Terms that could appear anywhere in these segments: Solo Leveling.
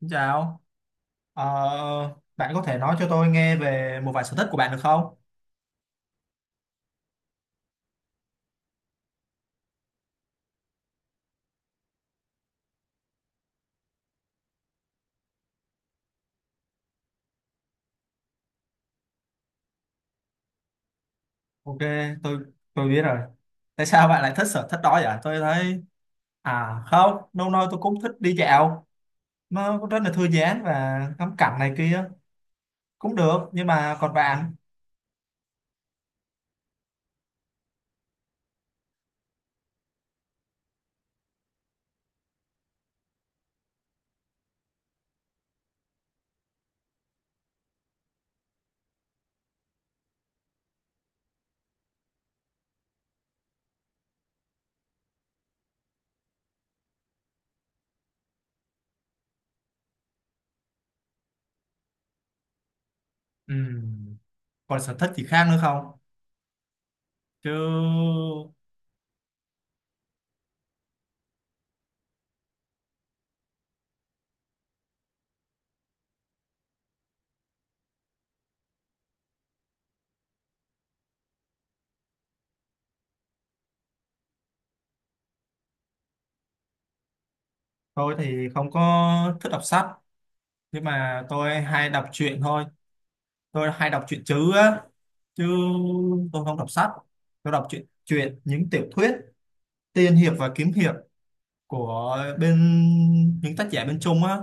Xin chào. Ờ, Bạn có thể nói cho tôi nghe về một vài sở thích của bạn được không? Ok, tôi tôi biết rồi. Tại sao bạn lại thích sở thích đó vậy? Tôi thấy À không, lâu nay tôi cũng thích đi dạo, nó cũng rất là thư giãn và ngắm cảnh này kia cũng được. Nhưng mà còn bạn? Ừm, Còn sở thích gì khác nữa không? Chứ tôi thì không có thích đọc sách, nhưng mà tôi hay đọc truyện thôi. Tôi hay đọc truyện chứ á, chứ tôi không đọc sách, tôi đọc truyện truyện những tiểu thuyết tiên hiệp và kiếm hiệp của bên, những tác giả bên Trung á.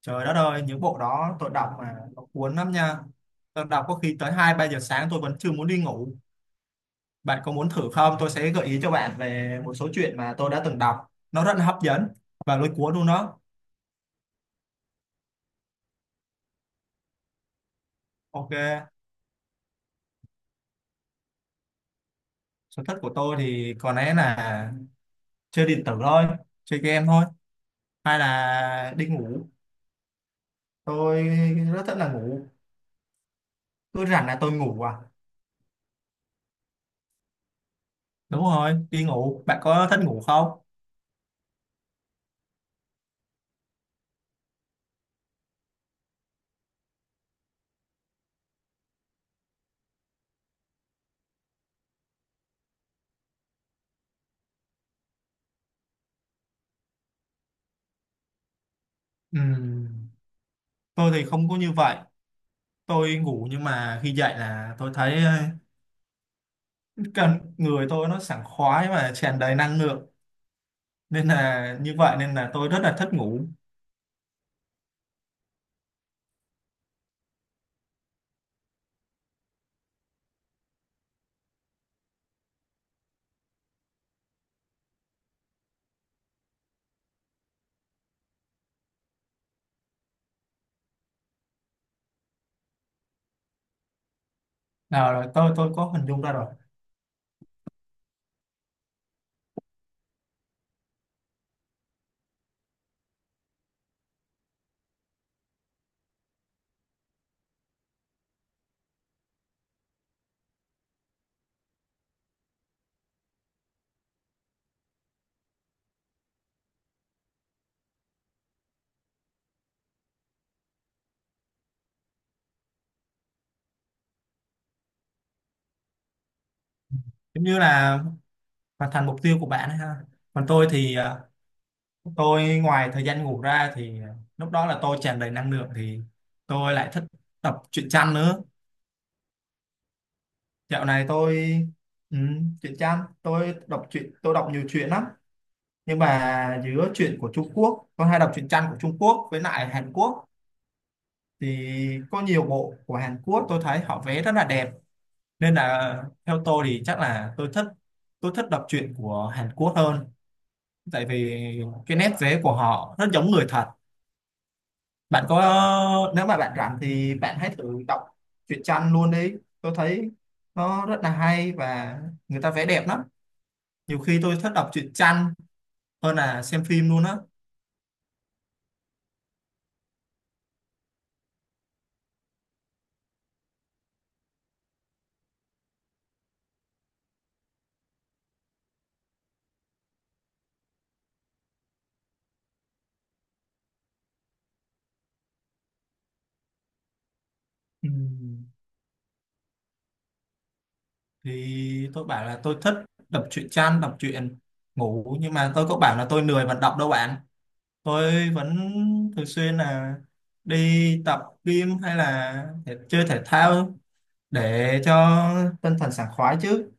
Trời đất ơi, những bộ đó tôi đọc mà nó cuốn lắm nha. Tôi đọc có khi tới hai ba giờ sáng tôi vẫn chưa muốn đi ngủ. Bạn có muốn thử không? Tôi sẽ gợi ý cho bạn về một số chuyện mà tôi đã từng đọc, nó rất là hấp dẫn và lôi cuốn luôn đó. Ok, sở thích của tôi thì có lẽ là chơi điện tử thôi, chơi game thôi, hay là đi ngủ. Tôi rất thích là ngủ, cứ rảnh là tôi ngủ à. Đúng rồi, đi ngủ. Bạn có thích ngủ không? Ừm, tôi thì không có như vậy. Tôi ngủ nhưng mà khi dậy là tôi thấy cần người tôi nó sảng khoái và tràn đầy năng lượng, nên là như vậy nên là tôi rất là thích ngủ. Nào rồi, tôi có hình dung ra rồi. Giống như là hoàn thành mục tiêu của bạn ấy ha. Còn tôi thì tôi ngoài thời gian ngủ ra thì lúc đó là tôi tràn đầy năng lượng thì tôi lại thích đọc truyện tranh nữa. Dạo này tôi ừ, truyện tranh, tôi đọc truyện, tôi đọc nhiều truyện lắm, nhưng mà giữa truyện của Trung Quốc, tôi hay đọc truyện tranh của Trung Quốc với lại Hàn Quốc thì có nhiều bộ của Hàn Quốc tôi thấy họ vẽ rất là đẹp, nên là theo tôi thì chắc là tôi thích đọc truyện của Hàn Quốc hơn. Tại vì cái nét vẽ của họ rất giống người thật. Bạn có Nếu mà bạn rảnh thì bạn hãy thử đọc truyện tranh luôn đi. Tôi thấy nó rất là hay và người ta vẽ đẹp lắm, nhiều khi tôi thích đọc truyện tranh hơn là xem phim luôn á. Ừm, thì tôi bảo là tôi thích đọc truyện tranh, đọc truyện, ngủ nhưng mà tôi có bảo là tôi lười vận động đâu bạn. Tôi vẫn thường xuyên là đi tập gym hay là chơi thể thao để cho tinh thần sảng khoái chứ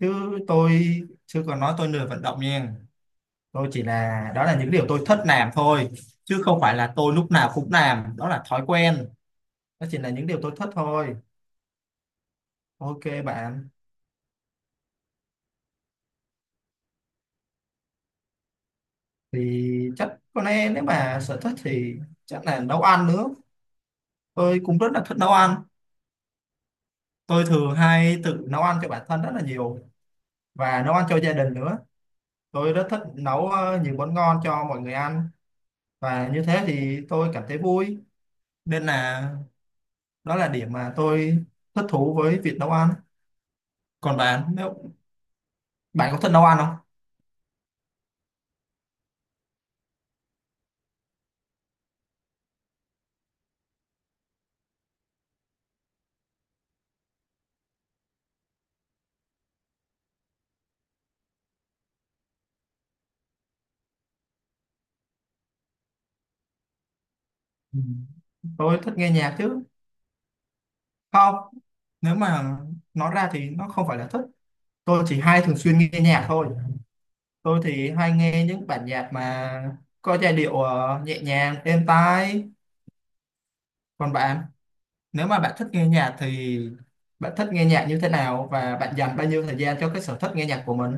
chứ tôi chưa còn nói tôi lười vận động nha. Tôi chỉ là đó là những điều tôi thích làm thôi, chứ không phải là tôi lúc nào cũng làm, đó là thói quen. Đó chỉ là những điều tôi thích thôi. Ok bạn, thì chắc có lẽ nếu mà sở thích thì chắc là nấu ăn nữa. Tôi cũng rất là thích nấu ăn. Tôi thường hay tự nấu ăn cho bản thân rất là nhiều và nấu ăn cho gia đình nữa. Tôi rất thích nấu nhiều món ngon cho mọi người ăn và như thế thì tôi cảm thấy vui. Nên là đó là điểm mà tôi thích thú với việc nấu ăn. Còn bạn, nếu bạn có thích nấu ăn không? Ừ. Tôi thích nghe nhạc chứ. Không, nếu mà nói ra thì nó không phải là thích. Tôi chỉ hay thường xuyên nghe nhạc thôi. Tôi thì hay nghe những bản nhạc mà có giai điệu nhẹ nhàng êm tai. Còn bạn, nếu mà bạn thích nghe nhạc thì bạn thích nghe nhạc như thế nào và bạn dành bao nhiêu thời gian cho cái sở thích nghe nhạc của mình?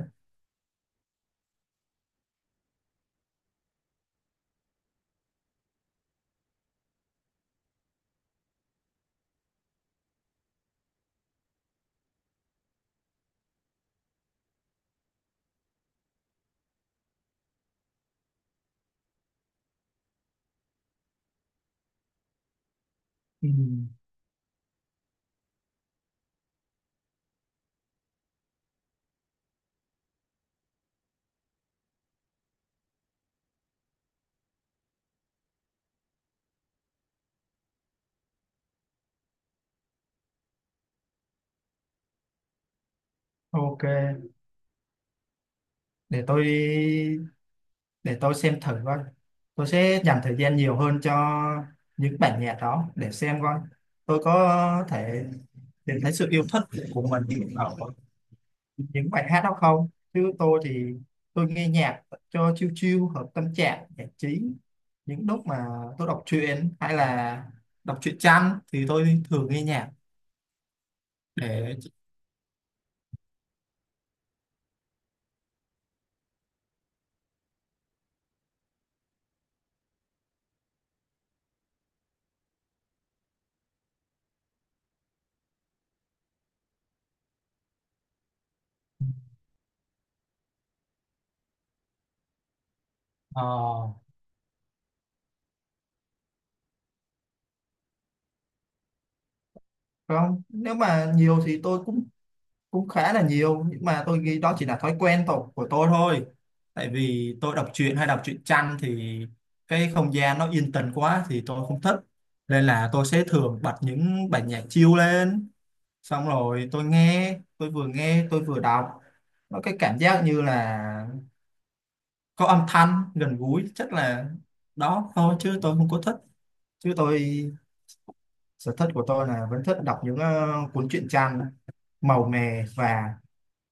Ừ. Ok, để tôi để tôi xem thử coi, tôi sẽ dành thời gian nhiều hơn cho những bản nhạc đó để xem coi tôi có thể tìm thấy sự yêu thích của mình ở những bài hát đó không. Chứ tôi thì tôi nghe nhạc cho chill chill hợp tâm trạng, giải trí những lúc mà tôi đọc truyện hay là đọc truyện tranh thì tôi thường nghe nhạc để ờ, không. Nếu mà nhiều thì tôi cũng cũng khá là nhiều, nhưng mà tôi nghĩ đó chỉ là thói quen của tôi thôi. Tại vì tôi đọc truyện hay đọc truyện tranh thì cái không gian nó yên tĩnh quá thì tôi không thích, nên là tôi sẽ thường bật những bản nhạc chill lên, xong rồi tôi nghe, tôi vừa nghe tôi vừa đọc. Nó cái cảm giác như là có âm thanh gần gũi, chắc là đó thôi chứ tôi không có thích. Chứ tôi, sở thích của tôi là vẫn thích đọc những cuốn truyện tranh màu mè và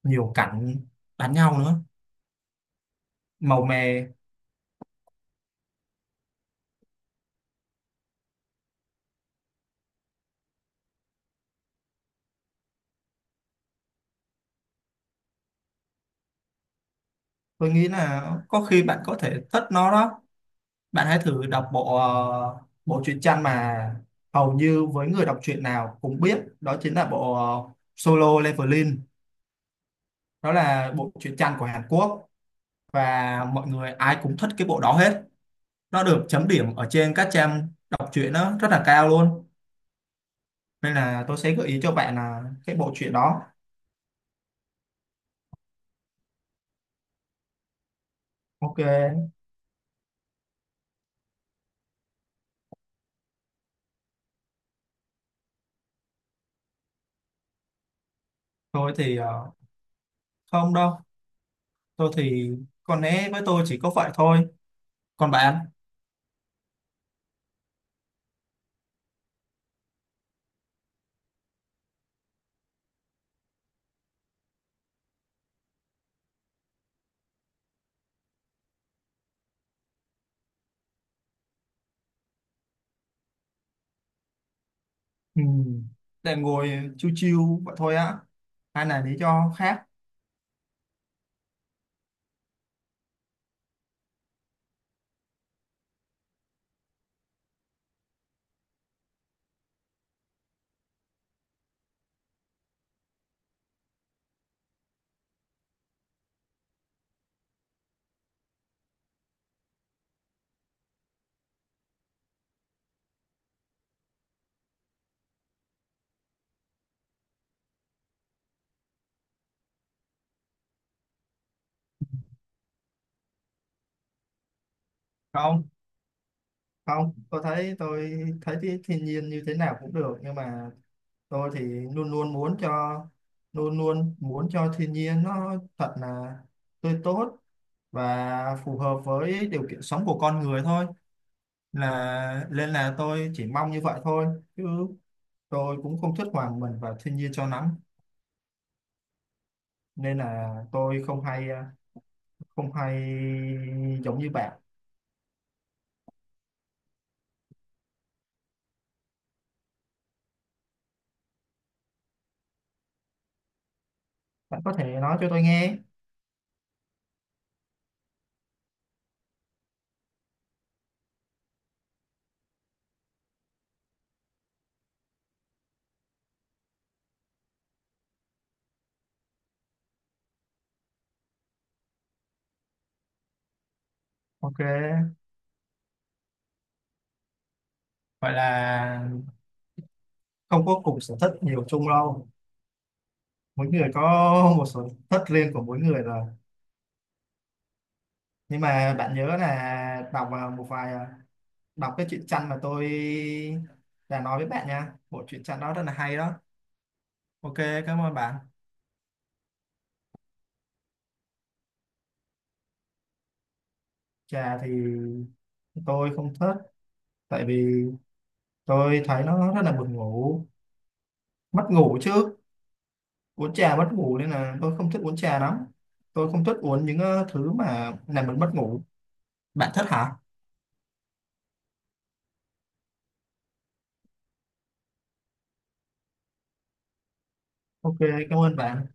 nhiều cảnh đánh nhau nữa, màu mè. Tôi nghĩ là có khi bạn có thể thích nó đó. Bạn hãy thử đọc bộ truyện tranh mà hầu như với người đọc truyện nào cũng biết, đó chính là bộ Solo Leveling. Nó là bộ truyện tranh của Hàn Quốc và mọi người ai cũng thích cái bộ đó hết, nó được chấm điểm ở trên các trang đọc truyện nó rất là cao luôn, nên là tôi sẽ gợi ý cho bạn là cái bộ truyện đó. Ok, tôi thì không đâu. Tôi thì có lẽ với tôi chỉ có vậy thôi. Còn bạn? Ừ. Để ngồi chiêu chiêu vậy thôi á hay là lý do khác? Không, không, tôi thấy cái thiên nhiên như thế nào cũng được, nhưng mà tôi thì luôn luôn muốn cho luôn luôn muốn cho thiên nhiên nó thật là tươi tốt và phù hợp với điều kiện sống của con người thôi, là nên là tôi chỉ mong như vậy thôi. Chứ tôi cũng không thích hòa mình vào thiên nhiên cho lắm, nên là tôi không hay giống như bạn. Bạn có thể nói cho tôi nghe. Ok, vậy là không có cùng sở thích nhiều chung đâu, mỗi người có một sở thích riêng của mỗi người rồi. Nhưng mà bạn nhớ là đọc vào một vài à, đọc cái truyện tranh mà tôi đã nói với bạn nha, bộ truyện tranh đó rất là hay đó. Ok, cảm ơn bạn. Trà thì tôi không thích, tại vì tôi thấy nó rất là buồn ngủ mất ngủ chứ, uống trà mất ngủ, nên là tôi không thích uống trà lắm. Tôi không thích uống những thứ mà làm mình mất ngủ. Bạn thích hả? Ok, cảm ơn bạn.